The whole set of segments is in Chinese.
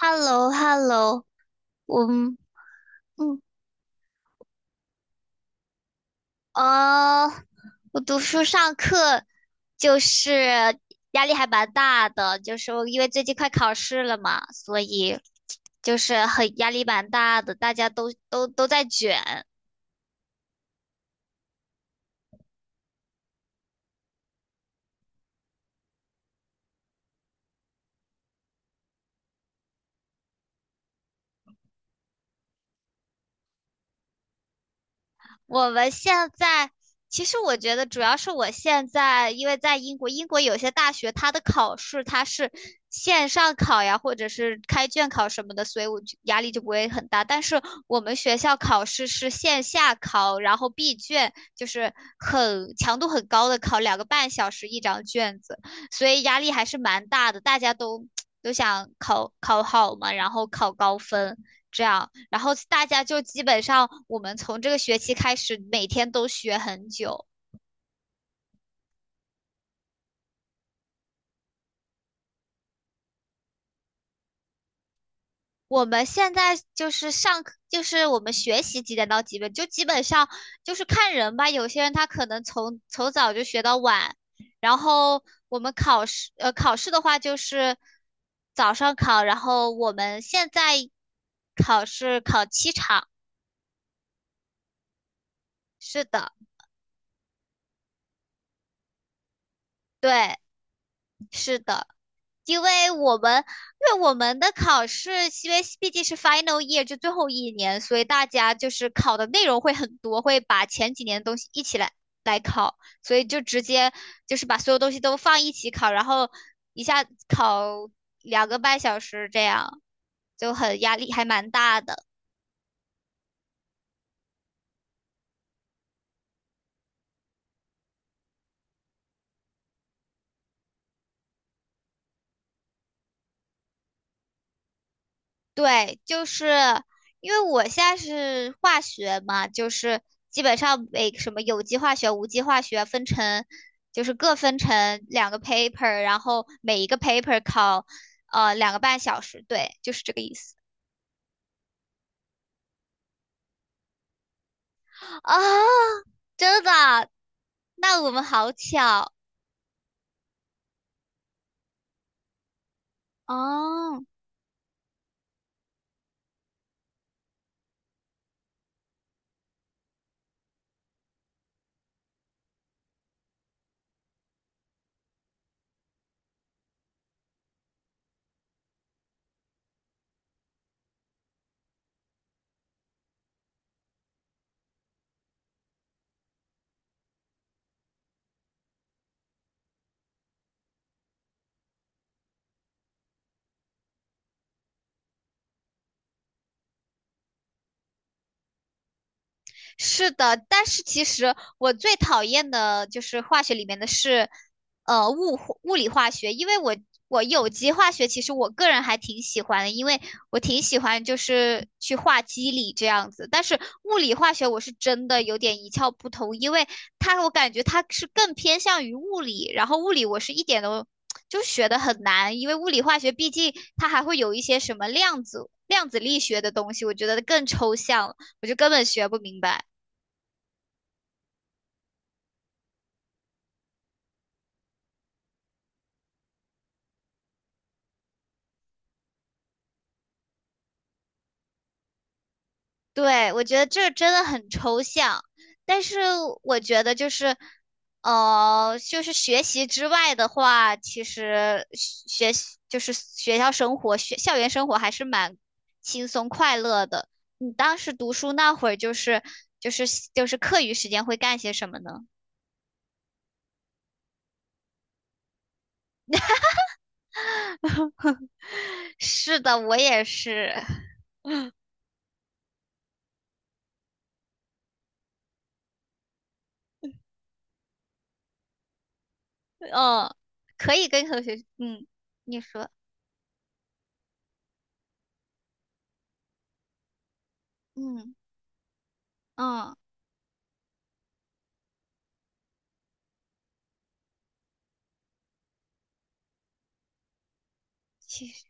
Hello hello。 我嗯嗯。哦，我读书上课就是压力还蛮大的，就是我因为最近快考试了嘛，所以就是很压力蛮大的，大家都在卷。我们现在其实我觉得主要是我现在因为在英国，英国有些大学它的考试它是线上考呀，或者是开卷考什么的，所以我就压力就不会很大。但是我们学校考试是线下考，然后闭卷，就是很强度很高的考，两个半小时一张卷子。所以压力还是蛮大的，大家都想考考好嘛，然后考高分这样，然后大家就基本上我们从这个学期开始，每天都学很久。我们现在就是上课，就是我们学习几点到几点，就基本上就是看人吧。有些人他可能从早就学到晚，然后我们考试的话就是早上考，然后我们现在考试考七场，是的。对，是的，因为我们因为我们的考试，因为毕竟是 final year 就最后一年，所以大家就是考的内容会很多，会把前几年的东西一起来考，所以就直接就是把所有东西都放一起考，然后一下考两个半小时这样，就很压力还蛮大的。对，就是因为我现在是化学嘛，就是基本上每什么有机化学、无机化学分成，就是各分成两个 paper,然后每一个 paper 考两个半小时，对，就是这个意思。啊，真的？那我们好巧哦。是的，但是其实我最讨厌的就是化学里面的是，物理化学，因为有机化学其实我个人还挺喜欢的，因为我挺喜欢就是去画机理这样子，但是物理化学我是真的有点一窍不通，因为它我感觉它是更偏向于物理，然后物理我是一点都 就学的很难，因为物理化学毕竟它还会有一些什么量子力学的东西，我觉得更抽象了我就根本学不明白。对，我觉得这真的很抽象，但是我觉得就是学习之外的话，其实学习就是学校生活、学校园生活还是蛮轻松快乐的。你当时读书那会儿，就是就是课余时间会干些什么呢？是的，我也是，嗯，可以跟同学，嗯，你说，嗯嗯，其实。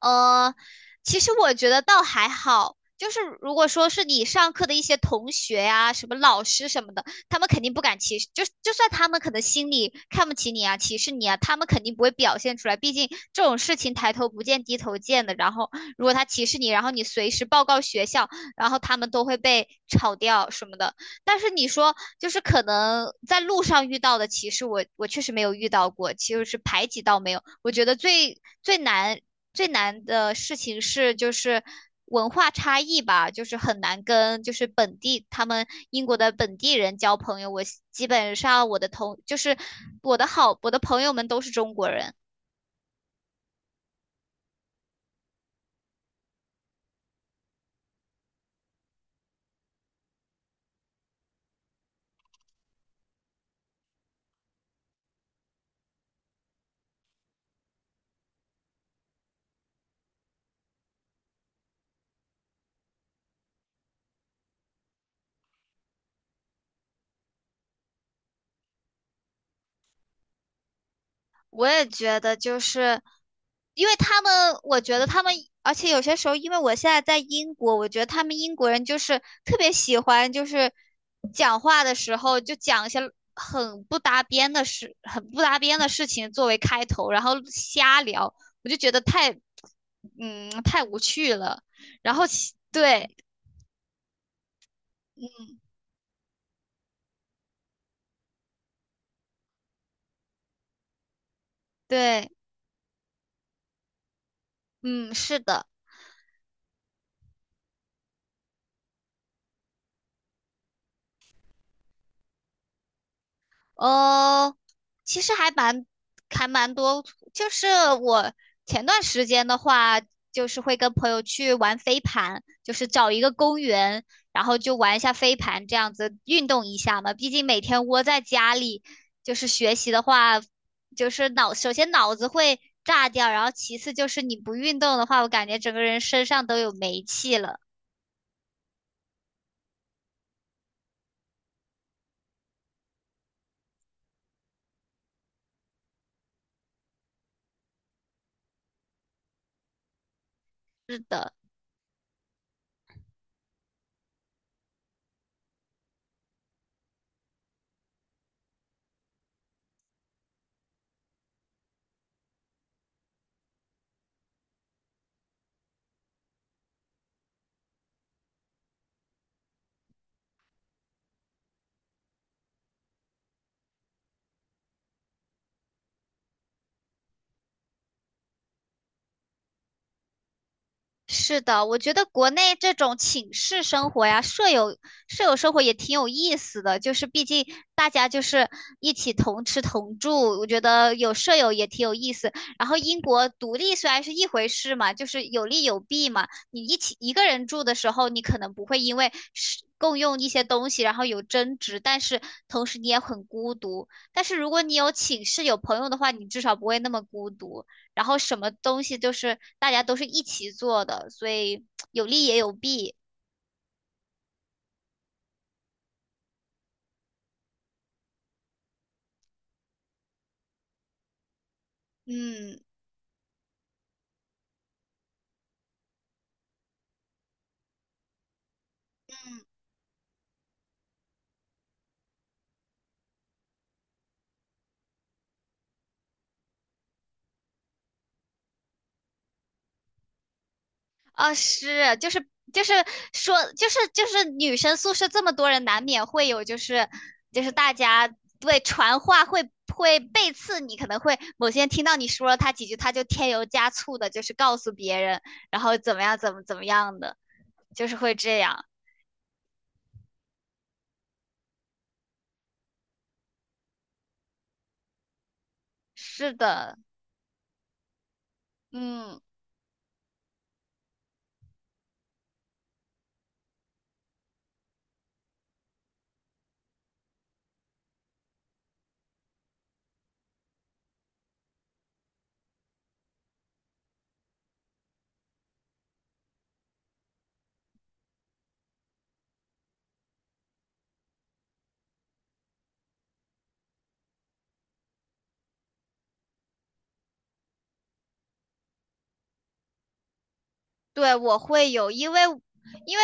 呃，其实我觉得倒还好，就是如果说是你上课的一些同学呀、什么老师什么的，他们肯定不敢歧视，就算他们可能心里看不起你啊、歧视你啊，他们肯定不会表现出来。毕竟这种事情抬头不见低头见的。然后如果他歧视你，然后你随时报告学校，然后他们都会被炒掉什么的。但是你说，就是可能在路上遇到的歧视我，我确实没有遇到过，其实是排挤倒没有。我觉得最难的事情是就是文化差异吧，就是很难跟就是本地他们英国的本地人交朋友。我基本上我的同就是我的好我的朋友们都是中国人。我也觉得，就是因为他们，我觉得他们，而且有些时候，因为我现在在英国，我觉得他们英国人就是特别喜欢，就是讲话的时候就讲一些很不搭边的事情作为开头，然后瞎聊，我就觉得太，嗯，太无趣了。然后对，嗯，对，嗯，是的。呃，其实还蛮多，就是我前段时间的话，就是会跟朋友去玩飞盘，就是找一个公园，然后就玩一下飞盘，这样子运动一下嘛。毕竟每天窝在家里，就是学习的话，就是脑，首先脑子会炸掉，然后其次就是你不运动的话，我感觉整个人身上都有煤气了。是的。是的，我觉得国内这种寝室生活呀，舍友生活也挺有意思的，就是毕竟大家就是一起同吃同住，我觉得有舍友也挺有意思。然后英国独立虽然是一回事嘛，就是有利有弊嘛。你一起一个人住的时候，你可能不会因为是共用一些东西然后有争执，但是同时你也很孤独。但是如果你有寝室有朋友的话，你至少不会那么孤独。然后什么东西都是大家都是一起做的，所以有利也有弊。嗯。啊，是，就是说，就是女生宿舍这么多人，难免会有就是大家对传话会背刺你，可能会某些人听到你说了他几句，他就添油加醋的，就是告诉别人，然后怎么样怎么样的，就是会这样。是的，嗯。对，我会有，因为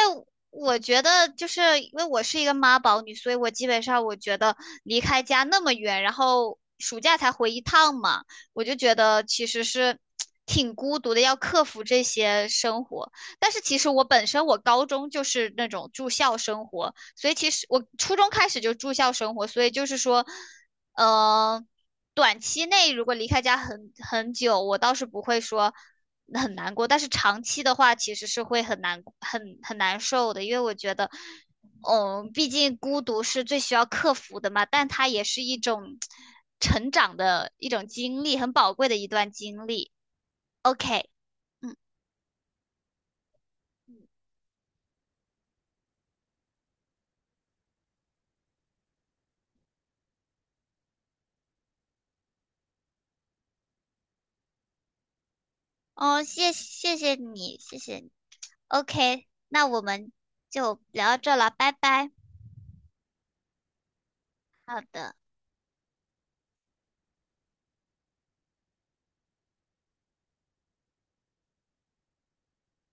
我觉得，就是因为我是一个妈宝女，所以我基本上我觉得离开家那么远，然后暑假才回一趟嘛，我就觉得其实是挺孤独的，要克服这些生活。但是其实我本身我高中就是那种住校生活，所以其实我初中开始就住校生活，所以就是说，呃，短期内如果离开家很久，我倒是不会说。很难过，但是长期的话其实是会很难受的，因为我觉得，嗯，毕竟孤独是最需要克服的嘛，但它也是一种成长的一种经历，很宝贵的一段经历。OK,嗯，哦，谢谢你，谢谢你。OK,那我们就聊到这了，拜拜。好的。